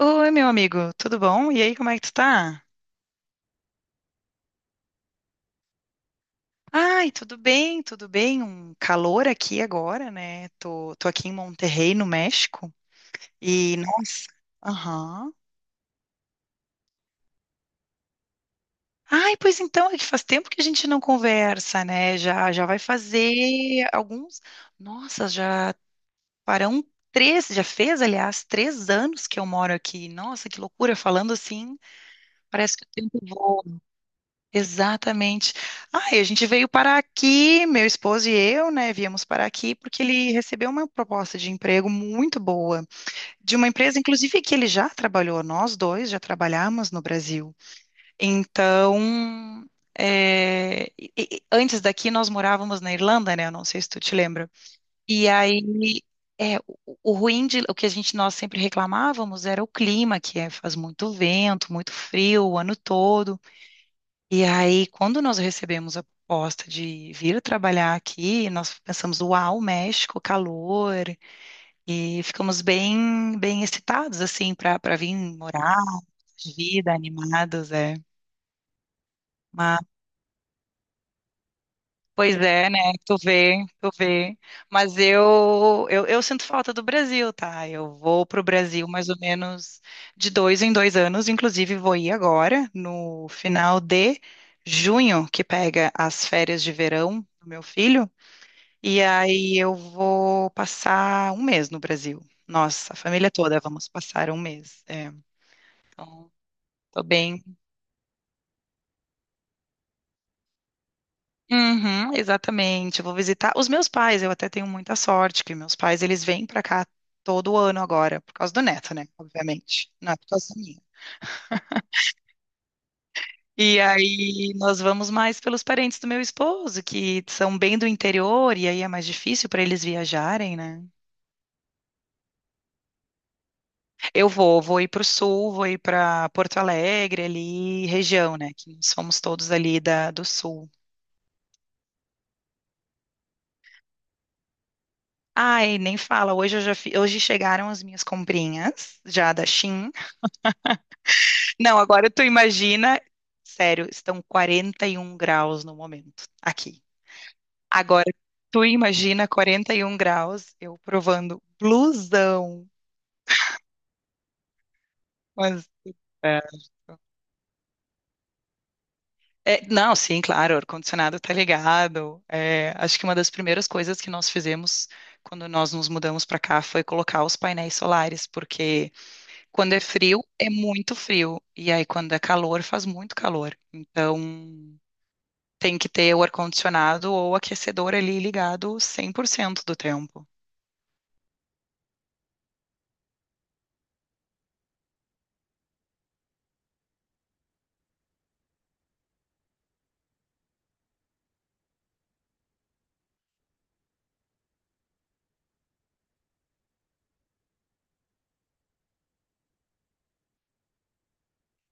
Oi, meu amigo, tudo bom? E aí, como é que tu tá? Ai, tudo bem, tudo bem. Um calor aqui agora, né? Tô aqui em Monterrey, no México. E, nossa, aham. Ai, pois então, é que faz tempo que a gente não conversa, né? Já, já vai fazer alguns. Nossa, já farão três, já fez, aliás, 3 anos que eu moro aqui. Nossa, que loucura! Falando assim, parece que o tempo voa. Exatamente. Ah, e a gente veio para aqui, meu esposo e eu, né, viemos para aqui porque ele recebeu uma proposta de emprego muito boa, de uma empresa, inclusive, que ele já trabalhou, nós dois já trabalhamos no Brasil. Então, é, antes daqui nós morávamos na Irlanda, né, eu não sei se tu te lembra. E aí, é, o ruim de, o que a gente, nós sempre reclamávamos era o clima, que é, faz muito vento, muito frio o ano todo. E aí, quando nós recebemos a proposta de vir trabalhar aqui, nós pensamos, uau, México, calor, e ficamos bem, bem excitados, assim, para vir morar, vida, animados, é. Mas, pois é, né? Tu vê, tu vê. Mas eu sinto falta do Brasil, tá? Eu vou para o Brasil mais ou menos de dois em dois anos, inclusive vou ir agora, no final de junho, que pega as férias de verão do meu filho. E aí eu vou passar um mês no Brasil. Nossa, a família toda, vamos passar um mês. É, então, tô bem. Uhum, exatamente. Eu vou visitar os meus pais. Eu até tenho muita sorte que meus pais, eles vêm pra cá todo ano agora, por causa do neto, né? Obviamente, não é por causa minha. E aí nós vamos mais pelos parentes do meu esposo, que são bem do interior, e aí é mais difícil para eles viajarem, né? Eu vou ir para o sul, vou ir para Porto Alegre, ali, região, né? Que somos todos ali da, do sul. Ai, nem fala, hoje chegaram as minhas comprinhas, já da Shein. Não, agora tu imagina, sério, estão 41 graus no momento, aqui. Agora, tu imagina 41 graus, eu provando blusão, mas... É. É, não, sim, claro, o ar-condicionado está ligado. É, acho que uma das primeiras coisas que nós fizemos quando nós nos mudamos para cá foi colocar os painéis solares, porque quando é frio, é muito frio, e aí quando é calor, faz muito calor. Então, tem que ter o ar-condicionado ou o aquecedor ali ligado 100% do tempo.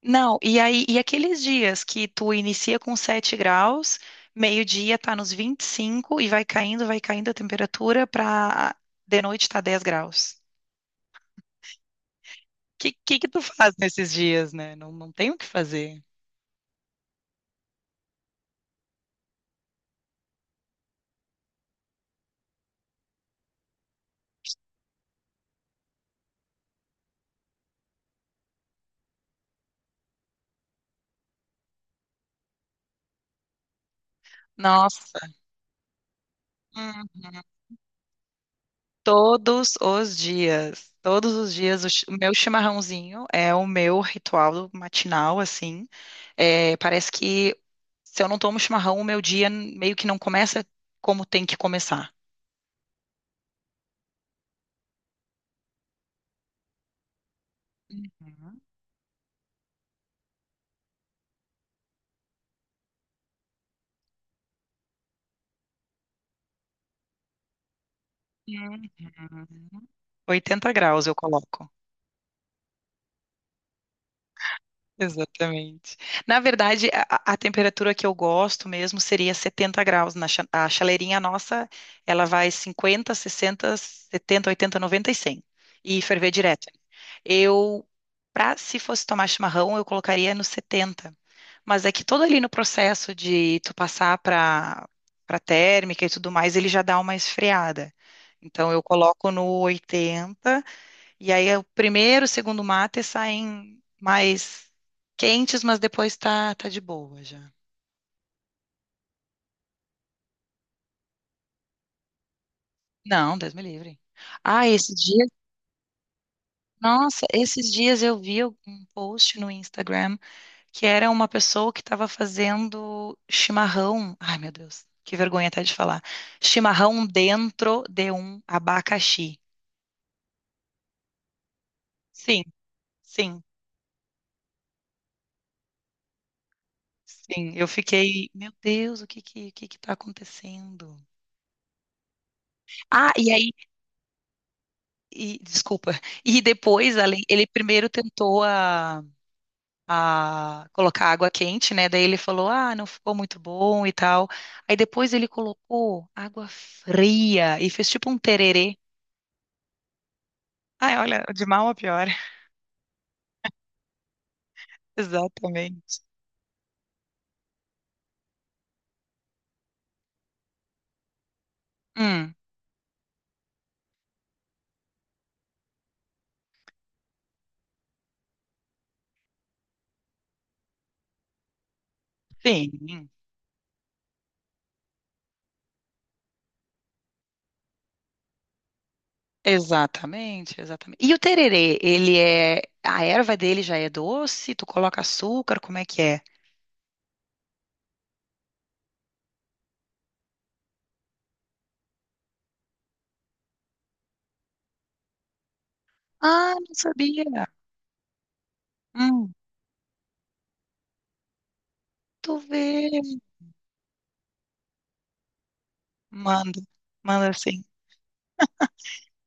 Não, e aí, e aqueles dias que tu inicia com 7 graus, meio-dia tá nos 25 e vai caindo a temperatura pra de noite tá 10 graus. Que que tu faz nesses dias, né? Não, não tem o que fazer. Nossa. Uhum. Todos os dias, o, o meu chimarrãozinho é o meu ritual matinal, assim. É, parece que se eu não tomo chimarrão, o meu dia meio que não começa como tem que começar. Uhum. 80 graus eu coloco. Exatamente. Na verdade, a temperatura que eu gosto mesmo seria 70 graus. Na a chaleirinha nossa, ela vai 50, 60, 70, 80, 90 e 100. E ferver direto. Eu, pra, se fosse tomar chimarrão, eu colocaria no 70. Mas é que todo ali no processo de tu passar para térmica e tudo mais, ele já dá uma esfriada. Então eu coloco no 80. E aí o primeiro, o segundo mate saem mais quentes, mas depois tá, tá de boa já. Não, Deus me livre. Ah, esses dias, nossa, esses dias eu vi um post no Instagram que era uma pessoa que estava fazendo chimarrão. Ai, meu Deus, que vergonha até de falar. Chimarrão dentro de um abacaxi. Sim, sim, sim. Eu fiquei, meu Deus, o que que tá acontecendo? Ah, e aí, e, desculpa. E depois, além, ele primeiro tentou a colocar água quente, né? Daí ele falou, ah, não ficou muito bom e tal. Aí depois ele colocou água fria e fez tipo um tererê. Ai, olha, de mal a pior. Exatamente. Hum, sim. Exatamente, exatamente. E o tererê, ele é. A erva dele já é doce? Tu coloca açúcar? Como é que é? Ah, não sabia. Hum, tu vê. Manda, manda assim.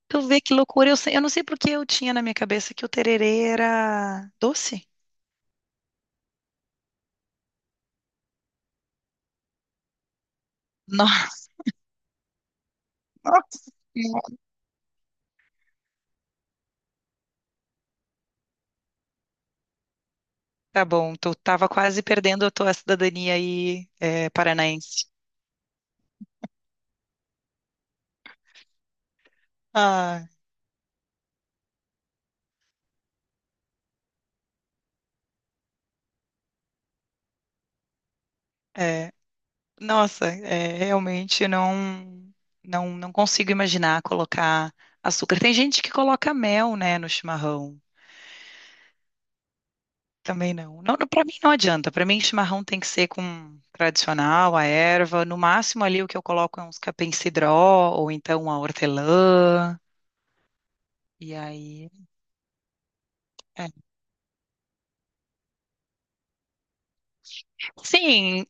Tu vê que loucura. Eu não sei porque eu tinha na minha cabeça que o tererê era doce. Não. Nossa, tá bom. Tu tava quase perdendo a tua cidadania aí, é, paranaense. Ah, é. Nossa, é, realmente não consigo imaginar colocar açúcar. Tem gente que coloca mel, né, no chimarrão. Também não. Não, para mim não adianta. Para mim, chimarrão tem que ser com tradicional, a erva. No máximo ali o que eu coloco é uns capim-cidró ou então a hortelã. E aí, é. Sim,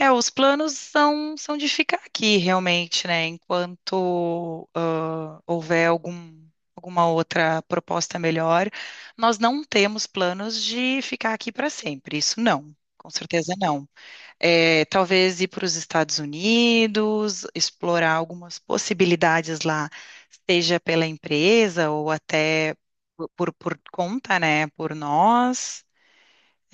é, os planos são de ficar aqui realmente, né? Enquanto houver algum, alguma outra proposta melhor, nós não temos planos de ficar aqui para sempre. Isso não, com certeza não. É, talvez ir para os Estados Unidos, explorar algumas possibilidades lá, seja pela empresa ou até por conta, né, por nós.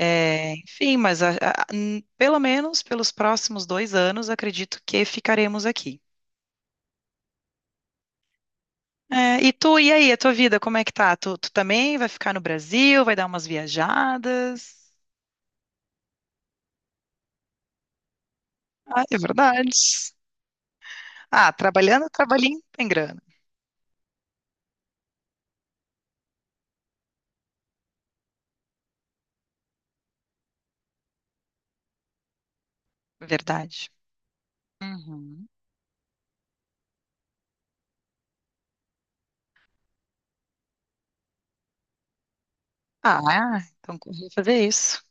É, enfim, mas pelo menos pelos próximos 2 anos, acredito que ficaremos aqui. É, e tu, e aí, a tua vida, como é que tá? Tu também vai ficar no Brasil, vai dar umas viajadas? Ah, é verdade. Ah, trabalhando, trabalhinho tem grana. Verdade. Uhum. Ah, então corri fazer isso.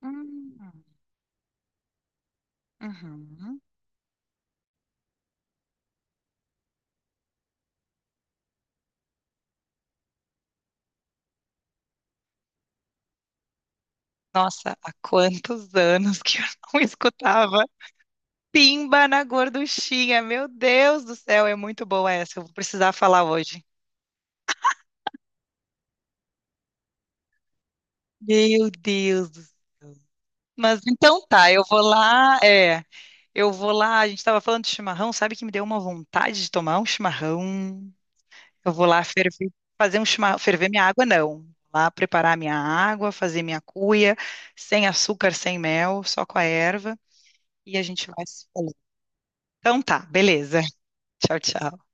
Hum, uhum. Nossa, há quantos anos que eu não escutava Pimba na Gorduchinha. Meu Deus do céu, é muito boa essa. Eu vou precisar falar hoje. Meu Deus. Mas então tá, eu vou lá, a gente tava falando de chimarrão, sabe que me deu uma vontade de tomar um chimarrão. Eu vou lá ferver, ferver minha água, não. Lá preparar minha água, fazer minha cuia, sem açúcar, sem mel, só com a erva, e a gente vai se falando. Então tá, beleza. Tchau, tchau.